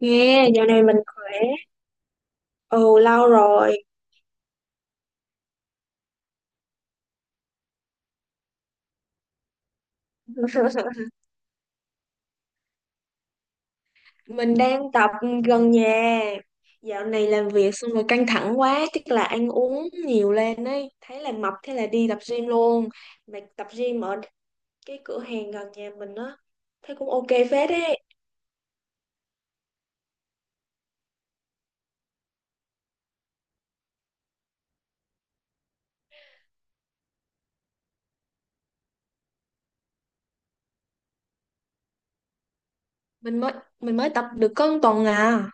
Nghe, dạo này mình khỏe. Ồ, lâu rồi. Mình đang tập gần nhà. Dạo này làm việc xong rồi căng thẳng quá, chắc là ăn uống nhiều lên ấy. Thấy là mập, thế là đi tập gym luôn. Mà tập gym ở cái cửa hàng gần nhà mình á. Thấy cũng ok phết ấy. Mình mới mình mới tập được có một tuần à.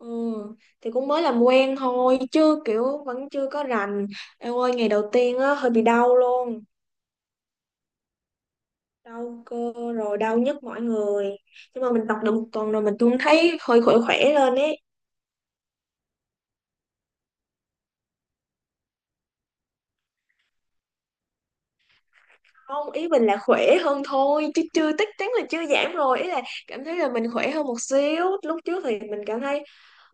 Ừ, thì cũng mới làm quen thôi, chứ kiểu vẫn chưa có rành. Em ơi, ngày đầu tiên á hơi bị đau luôn. Đau cơ rồi đau nhức mọi người, nhưng mà mình tập được một tuần rồi, mình cũng thấy hơi khỏe khỏe lên ấy. Không, ý mình là khỏe hơn thôi, chứ chưa chắc chắn là chưa giảm rồi, ý là cảm thấy là mình khỏe hơn một xíu. Lúc trước thì mình cảm thấy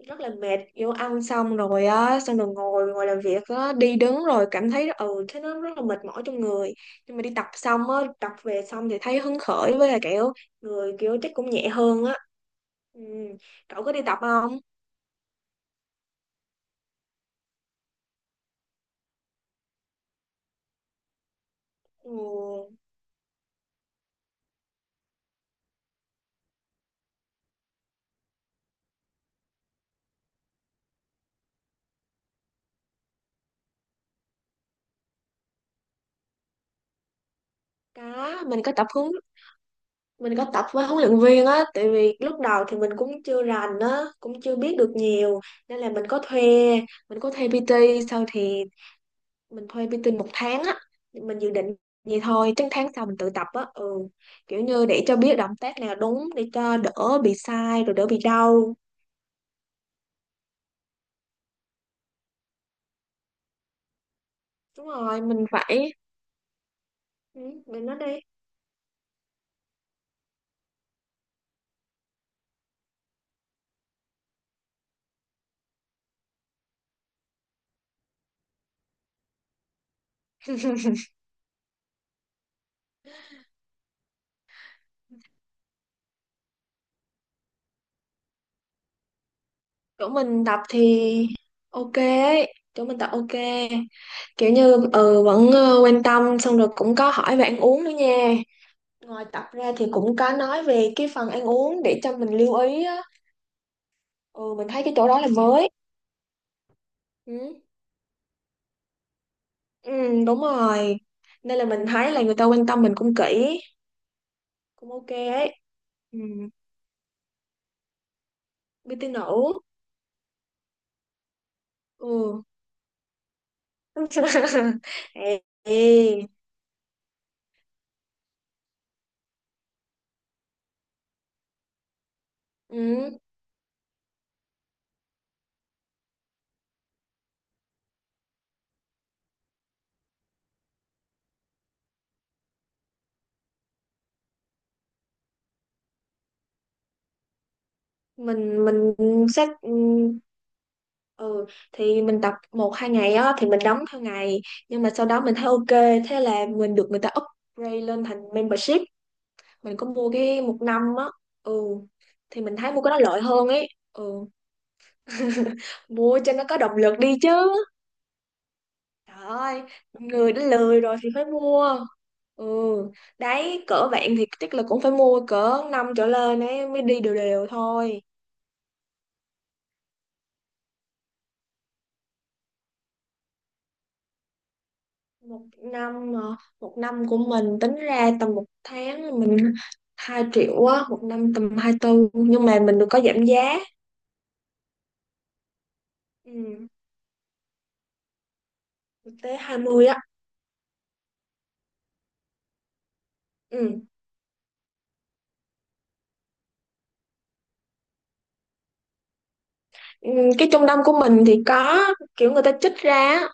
rất là mệt, vô ăn xong rồi á, xong rồi ngồi ngồi làm việc á, đi đứng rồi cảm thấy thế nó rất là mệt mỏi trong người. Nhưng mà đi tập xong á, tập về xong thì thấy hứng khởi, với là kiểu người kiểu chắc cũng nhẹ hơn á. Ừ. Cậu có đi tập không? Ừ. Có, mình có tập với huấn luyện viên á, tại vì lúc đầu thì mình cũng chưa rành á, cũng chưa biết được nhiều, nên là mình có thuê PT. Sau thì mình thuê PT một tháng á, mình dự định vậy thôi, chắc tháng sau mình tự tập á. Ừ, kiểu như để cho biết động tác nào đúng, để cho đỡ bị sai, rồi đỡ bị đau. Đúng rồi, mình nói đi. chỗ mình tập thì ok, Chỗ mình tập ok, kiểu như vẫn quan tâm, xong rồi cũng có hỏi về ăn uống nữa nha. Ngoài tập ra thì cũng có nói về cái phần ăn uống để cho mình lưu ý á. Ừ mình thấy cái chỗ đó là mới. Ừ, ừ, đúng rồi, nên là mình thấy là người ta quan tâm mình cũng kỹ, cũng ok ấy. Ừ, BT nữ. Ừ. Ê, ê. ừ mình xét, ừ thì mình tập một hai ngày á thì mình đóng theo ngày, nhưng mà sau đó mình thấy ok, thế là mình được người ta upgrade lên thành membership. Mình có mua cái một năm á. Ừ, thì mình thấy mua cái đó lợi hơn ấy. Ừ. Mua cho nó có động lực đi chứ. Trời ơi, người đã lười rồi thì phải mua. Ừ, đấy, cỡ bạn thì chắc là cũng phải mua cỡ năm trở lên ấy mới đi đều đều thôi. một năm mà Một năm của mình tính ra tầm một tháng là mình 2 triệu á, một năm tầm 24, nhưng mà mình được có giảm giá. Ừ, được tới 20 á. Ừ. Ừ, cái trung tâm của mình thì có kiểu người ta trích ra á,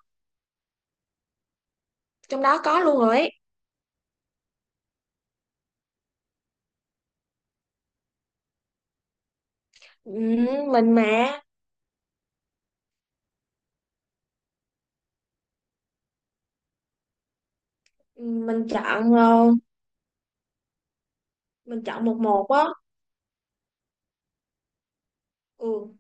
trong đó có luôn rồi ấy. Ừ, mình mà, ừ, mình chọn một một á. Ừ.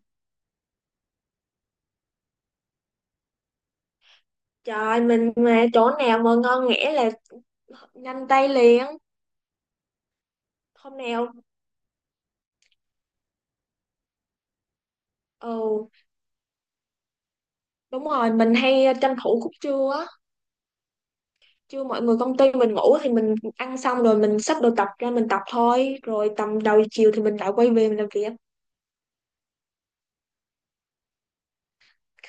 Trời, mình mà chỗ nào mà ngon nghẻ là nhanh tay liền. Hôm nào. Ừ, đúng rồi, mình hay tranh thủ khúc trưa á. Chứ mọi người công ty mình ngủ thì mình ăn xong rồi mình xách đồ tập ra mình tập thôi. Rồi tầm đầu chiều thì mình lại quay về mình làm việc.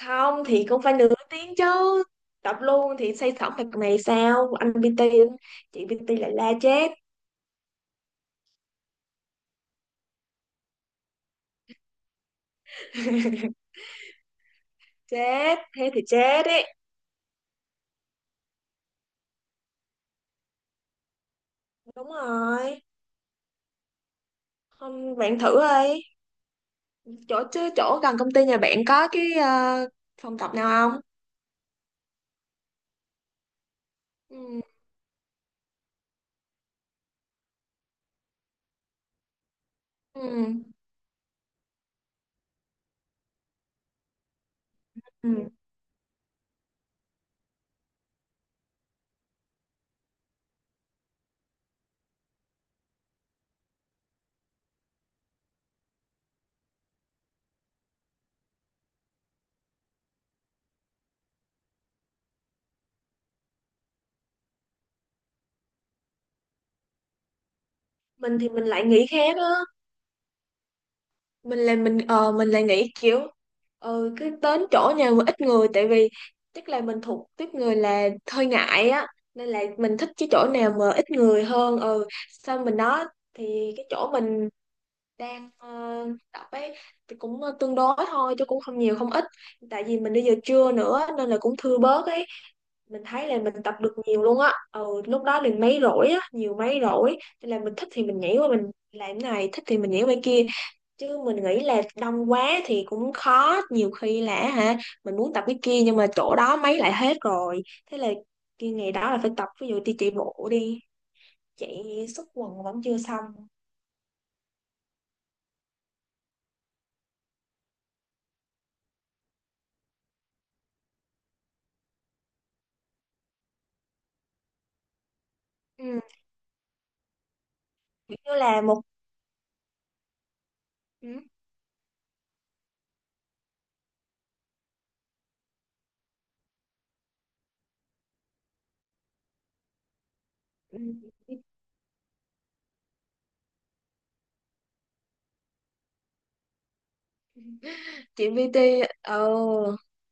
Không thì cũng phải nửa tiếng chứ. Tập luôn thì say sẩm mặt mày sao? Anh PT, chị PT lại la chết. Chết, thế thì chết đấy. Đúng rồi. Không, bạn thử đi. Chỗ gần công ty nhà bạn có cái phòng tập nào không? Ừ. Ừ. Ừ. Mình thì mình lại nghĩ khác á. Mình là mình ờ mình lại nghĩ kiểu cứ đến chỗ nhà mà ít người, tại vì chắc là mình thuộc tiếp người là hơi ngại á, nên là mình thích cái chỗ nào mà ít người hơn. Ừ, xong mình đó thì cái chỗ mình đang tập ấy thì cũng tương đối thôi, chứ cũng không nhiều không ít, tại vì mình đi giờ trưa nữa nên là cũng thưa bớt ấy. Mình thấy là mình tập được nhiều luôn á. Ừ, lúc đó mình mấy rỗi á, nhiều mấy rỗi, nên là mình thích thì mình nhảy qua mình làm cái này, thích thì mình nhảy qua kia. Chứ mình nghĩ là đông quá thì cũng khó, nhiều khi là hả mình muốn tập cái kia nhưng mà chỗ đó mấy lại hết rồi, thế là kia ngày đó là phải tập ví dụ đi chạy bộ đi. Chạy xúc quần vẫn chưa xong. Ừ, kiểu như là một. Ừ. Ừ. chị PT ờ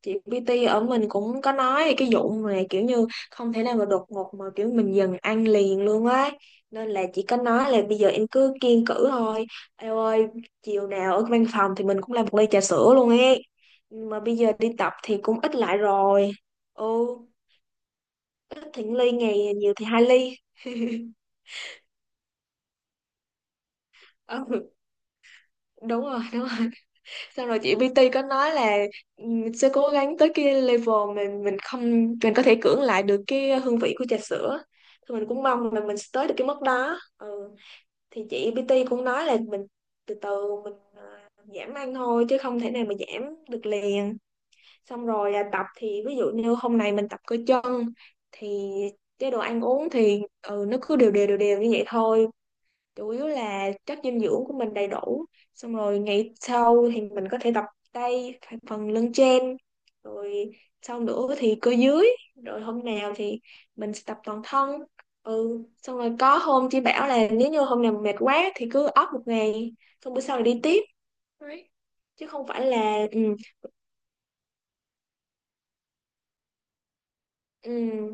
Chị bê Tê ở mình cũng có nói về cái vụ mà kiểu như không thể nào mà đột ngột mà kiểu mình dần ăn liền luôn á, nên là chị có nói là bây giờ em cứ kiêng cữ thôi em ơi. Chiều nào ở văn phòng thì mình cũng làm một ly trà sữa luôn ấy. Nhưng mà bây giờ đi tập thì cũng ít lại rồi. Ừ, ít thì một ly ngày, nhiều thì hai ly. Ừ, đúng rồi, đúng rồi, xong rồi chị PT có nói là, sẽ cố gắng tới cái level mà mình không mình có thể cưỡng lại được cái hương vị của trà sữa, thì mình cũng mong là mình sẽ tới được cái mức đó. Ừ. Thì chị PT cũng nói là mình từ từ mình giảm ăn thôi chứ không thể nào mà giảm được liền. Xong rồi tập thì ví dụ như hôm nay mình tập cơ chân thì chế độ ăn uống thì nó cứ đều đều đều đều như vậy thôi, chủ yếu là chất dinh dưỡng của mình đầy đủ. Xong rồi ngày sau thì mình có thể tập tay, phần lưng trên. Rồi sau nữa thì cơ dưới. Rồi hôm nào thì mình sẽ tập toàn thân. Ừ, xong rồi có hôm chị bảo là nếu như hôm nào mệt quá thì cứ off một ngày, xong bữa sau là đi tiếp. Đấy. Chứ không phải là ừ,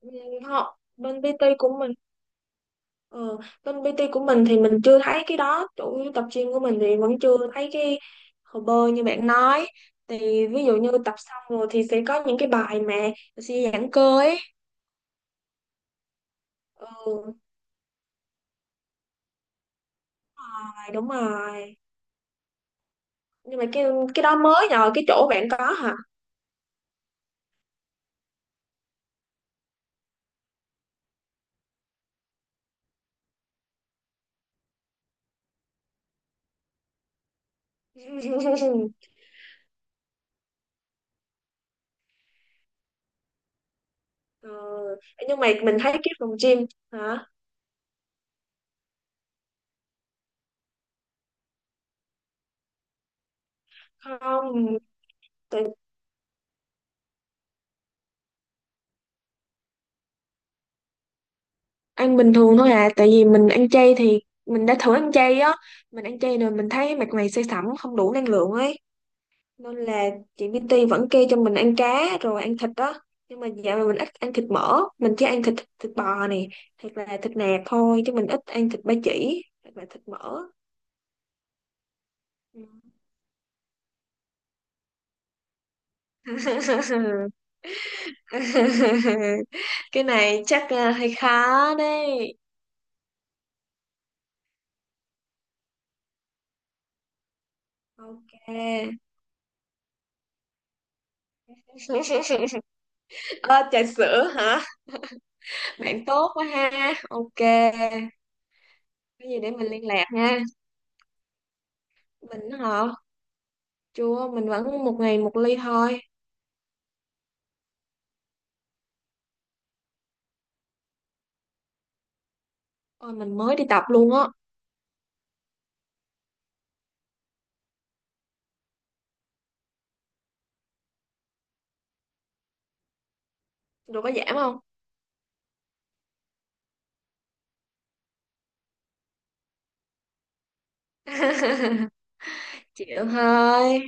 ừ, họ bên PT của mình Ờ, bên PT của mình thì mình chưa thấy cái đó. Chủ tập gym của mình thì vẫn chưa thấy cái hồ bơi như bạn nói. Thì ví dụ như tập xong rồi thì sẽ có những cái bài mà sẽ giãn cơ ấy. Ừ, đúng rồi, đúng rồi. Nhưng mà cái đó mới nhờ cái chỗ bạn có hả. Ừ. Nhưng mà mình thấy cái phòng gym. Hả? Không, tại, ăn bình thường thôi à, tại vì mình ăn chay thì, mình đã thử ăn chay á, mình ăn chay rồi mình thấy mặt mày say sẩm, không đủ năng lượng ấy, nên là chị BT vẫn kêu cho mình ăn cá rồi ăn thịt đó. Nhưng mà dạo này mình ít ăn thịt mỡ, mình chỉ ăn thịt thịt bò này, hoặc là thịt nạc thôi, chứ mình ít ăn thịt ba chỉ hoặc là thịt mỡ. Ừ. Cái này chắc là hơi khó đấy. Ok. Ơ, trà sữa hả? Bạn tốt quá ha. Ok. Cái gì để mình liên lạc nha. Mình hả? Chưa, mình vẫn một ngày một ly thôi. Ôi, mình mới đi tập luôn á. Rồi có giảm không? Chịu thôi.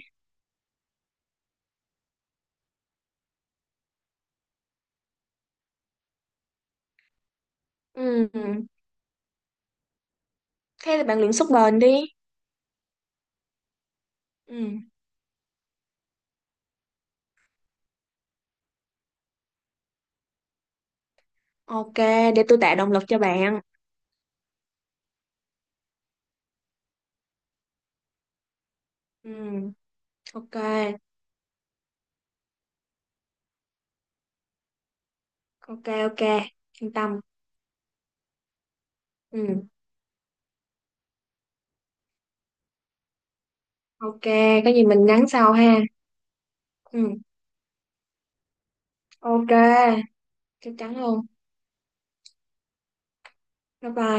Ừ. Thế là bạn luyện sức bền đi. Ừ. Ok, để tôi tạo động lực cho bạn. Ừ. Ok, ok, ok. Yên tâm. Ừ. Ok, có gì mình nhắn sau ha. Ừ. Ok, chắc chắn luôn. Bye bye.